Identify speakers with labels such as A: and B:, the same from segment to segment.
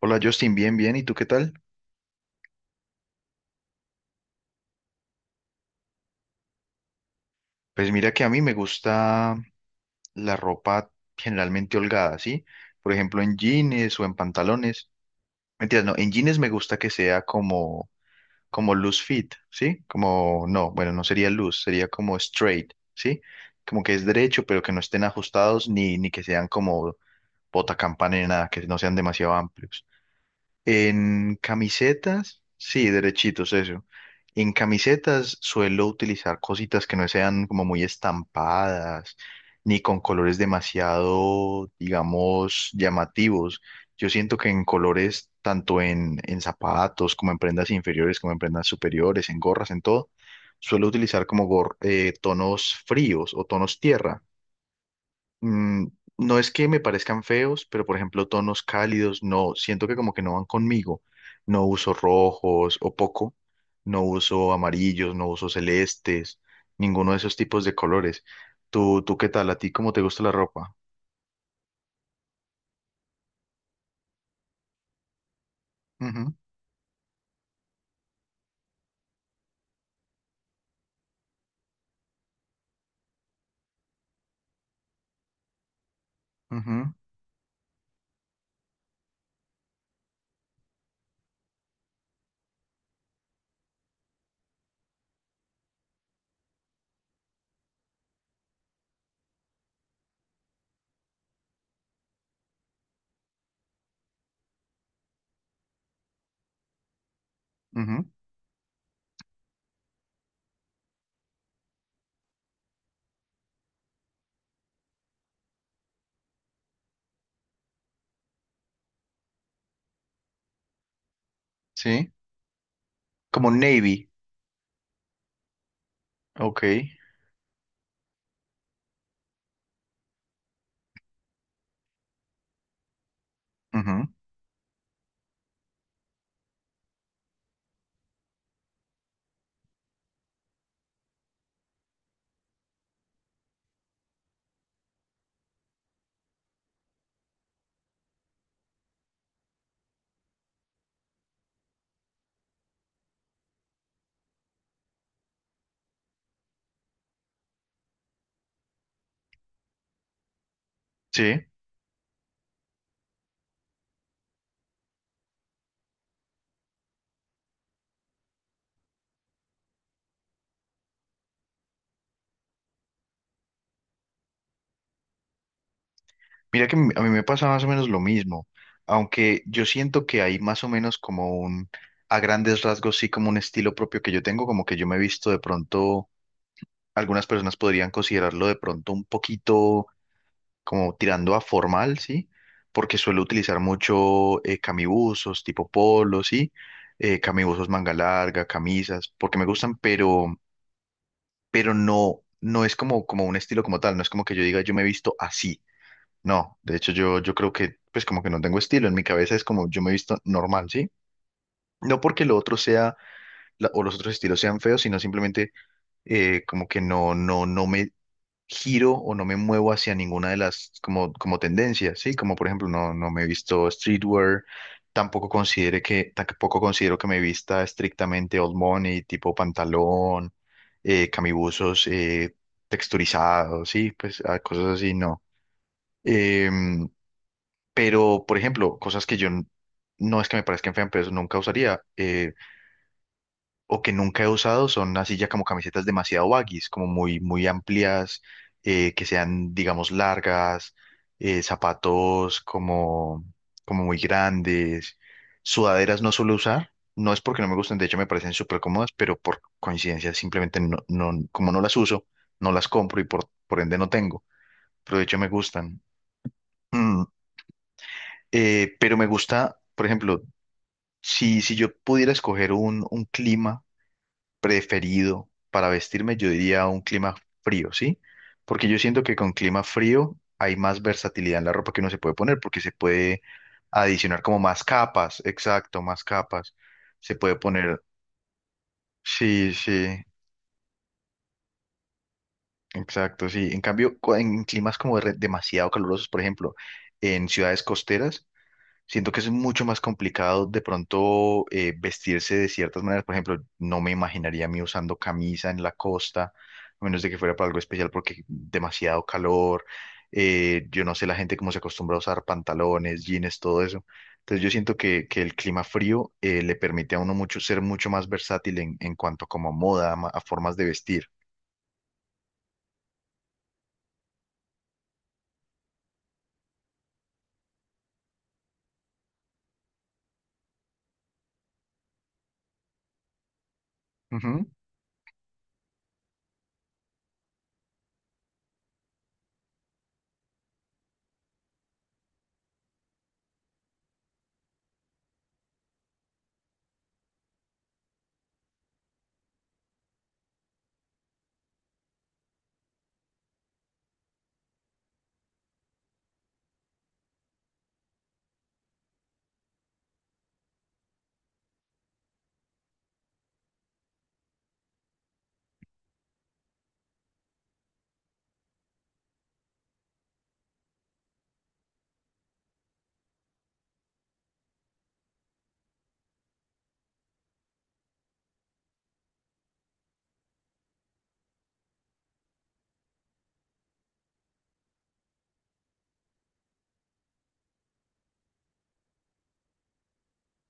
A: Hola Justin, bien, bien. ¿Y tú qué tal? Pues mira que a mí me gusta la ropa generalmente holgada, ¿sí? Por ejemplo, en jeans o en pantalones. Mentiras, no, en jeans me gusta que sea como, como loose fit, ¿sí? Como, no, bueno, no sería loose, sería como straight, ¿sí? Como que es derecho, pero que no estén ajustados ni que sean como bota campana ni nada, que no sean demasiado amplios. En camisetas, sí, derechitos, eso. En camisetas suelo utilizar cositas que no sean como muy estampadas, ni con colores demasiado, digamos, llamativos. Yo siento que en colores, tanto en zapatos, como en prendas inferiores, como en prendas superiores, en gorras, en todo, suelo utilizar como tonos fríos o tonos tierra. mm, no es que me parezcan feos, pero por ejemplo, tonos cálidos, no, siento que como que no van conmigo. No uso rojos o poco, no uso amarillos, no uso celestes, ninguno de esos tipos de colores. ¿Tú qué tal? ¿A ti cómo te gusta la ropa? Ujú, ujú, ujú. Sí, como navy, ok, ujú. Sí. Mira que a mí me pasa más o menos lo mismo, aunque yo siento que hay más o menos como un, a grandes rasgos, sí como un estilo propio que yo tengo, como que yo me he visto de pronto, algunas personas podrían considerarlo de pronto un poquito como tirando a formal, ¿sí? Porque suelo utilizar mucho camibuzos, tipo polos, ¿sí? Camibuzos manga larga, camisas, porque me gustan, pero no, no es como, como un estilo como tal, no es como que yo diga yo me he visto así. No, de hecho yo creo que pues como que no tengo estilo, en mi cabeza es como yo me he visto normal, ¿sí? No porque lo otro sea o los otros estilos sean feos, sino simplemente como que no, no me giro o no me muevo hacia ninguna de las como, como tendencias, ¿sí? Como por ejemplo no, no me he visto streetwear, tampoco considere que, tampoco considero que me vista estrictamente old money, tipo pantalón, camibuzos texturizados, sí, pues ah, cosas así, no. Em, pero, por ejemplo, cosas que no es que me parezcan feas, pero nunca usaría o que nunca he usado son así ya como camisetas demasiado baggies, como muy, muy amplias, que sean, digamos, largas, zapatos como, como muy grandes, sudaderas no suelo usar. No es porque no me gusten, de hecho me parecen súper cómodas, pero por coincidencia simplemente como no las uso, no las compro y por ende no tengo, pero de hecho me gustan. Mm, pero me gusta, por ejemplo, si, si yo pudiera escoger un clima preferido para vestirme, yo diría un clima frío, ¿sí? Porque yo siento que con clima frío hay más versatilidad en la ropa que uno se puede poner, porque se puede adicionar como más capas, exacto, más capas. Se puede poner, sí, sí, exacto, sí. En cambio, en climas como demasiado calurosos, por ejemplo, en ciudades costeras, siento que es mucho más complicado de pronto vestirse de ciertas maneras. Por ejemplo, no me imaginaría a mí usando camisa en la costa, a menos de que fuera para algo especial porque demasiado calor. Yo no sé la gente cómo se acostumbra a usar pantalones, jeans, todo eso. Entonces yo siento que el clima frío le permite a uno mucho ser mucho más versátil en cuanto como moda, a formas de vestir. Ujú.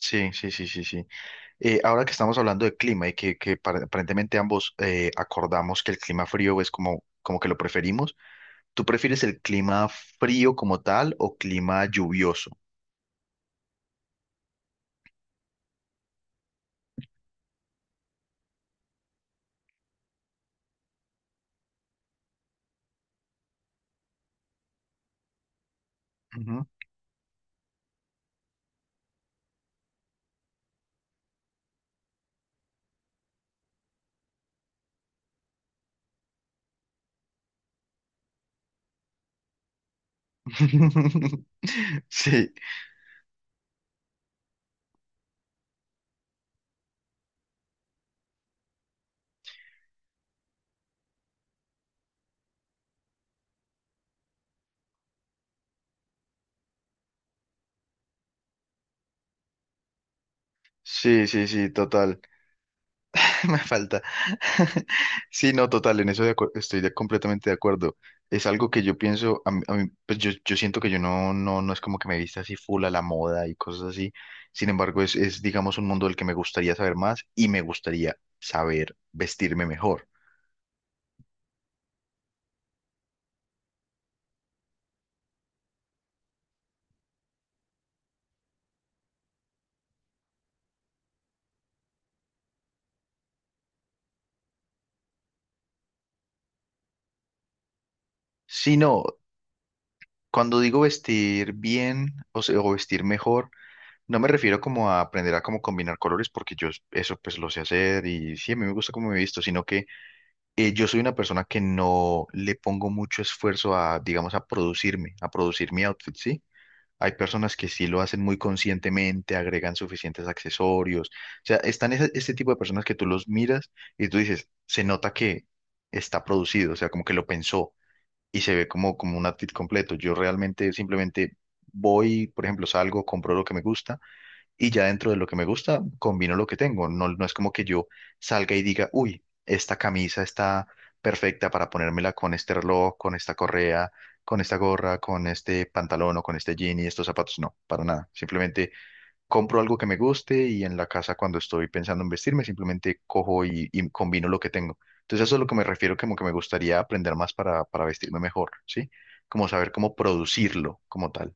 A: Sí, sí, sí, sí, sí. Ahora que estamos hablando de clima y que aparentemente ambos acordamos que el clima frío es como, como que lo preferimos, ¿tú prefieres el clima frío como tal o clima lluvioso? Ujú. Sí, sí, sí, sí, total. Me falta. Sí, no, total, en eso estoy completamente de acuerdo. Es algo que yo pienso, a mí, pues yo siento que yo no, no, no es como que me vista así full a la moda y cosas así. Sin embargo, es, digamos, un mundo del que me gustaría saber más y me gustaría saber vestirme mejor. Si no, cuando digo vestir bien o, o vestir mejor, no me refiero como a aprender a cómo combinar colores, porque yo eso pues lo sé hacer y sí, a mí me gusta cómo me he visto, sino que yo soy una persona que no le pongo mucho esfuerzo a, digamos, a producirme, a producir mi outfit, ¿sí? Hay personas que sí lo hacen muy conscientemente, agregan suficientes accesorios. O sea, están ese tipo de personas que tú los miras y tú dices, se nota que está producido, o sea, como que lo pensó y se ve como, como un outfit completo. Yo realmente simplemente voy, por ejemplo, salgo, compro lo que me gusta y ya dentro de lo que me gusta, combino lo que tengo. No, no es como que yo salga y diga, uy, esta camisa está perfecta para ponérmela con este reloj, con esta correa, con esta gorra, con este pantalón o con este jean y estos zapatos. No, para nada. Simplemente compro algo que me guste y en la casa cuando estoy pensando en vestirme, simplemente cojo y combino lo que tengo. Entonces eso es lo que me refiero, como que me gustaría aprender más para vestirme mejor, ¿sí? Como saber cómo producirlo como tal.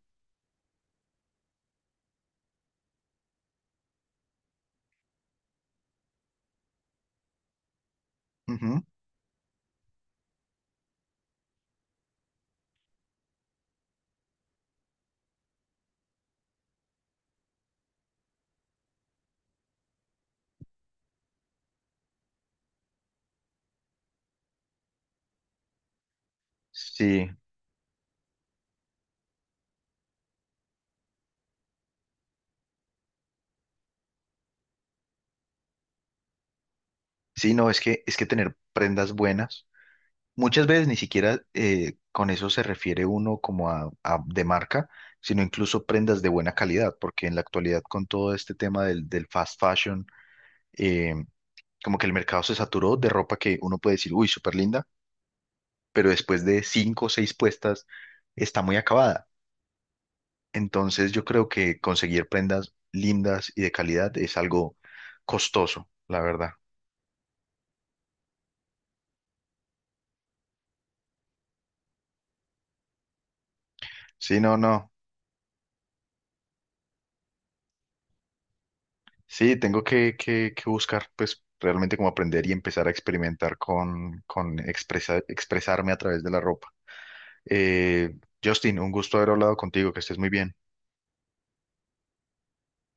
A: Ujú. Sí. Sí, no, es que tener prendas buenas, muchas veces ni siquiera con eso se refiere uno como a, de marca, sino incluso prendas de buena calidad, porque en la actualidad con todo este tema del, del fast fashion, eh, como que el mercado se saturó de ropa que uno puede decir, uy, súper linda, pero después de cinco o seis puestas está muy acabada. Entonces yo creo que conseguir prendas lindas y de calidad es algo costoso, la verdad. Sí, no, no. Sí, tengo que, que buscar, pues, realmente como aprender y empezar a experimentar con expresarme a través de la ropa. Eh, Justin, un gusto haber hablado contigo, que estés muy bien.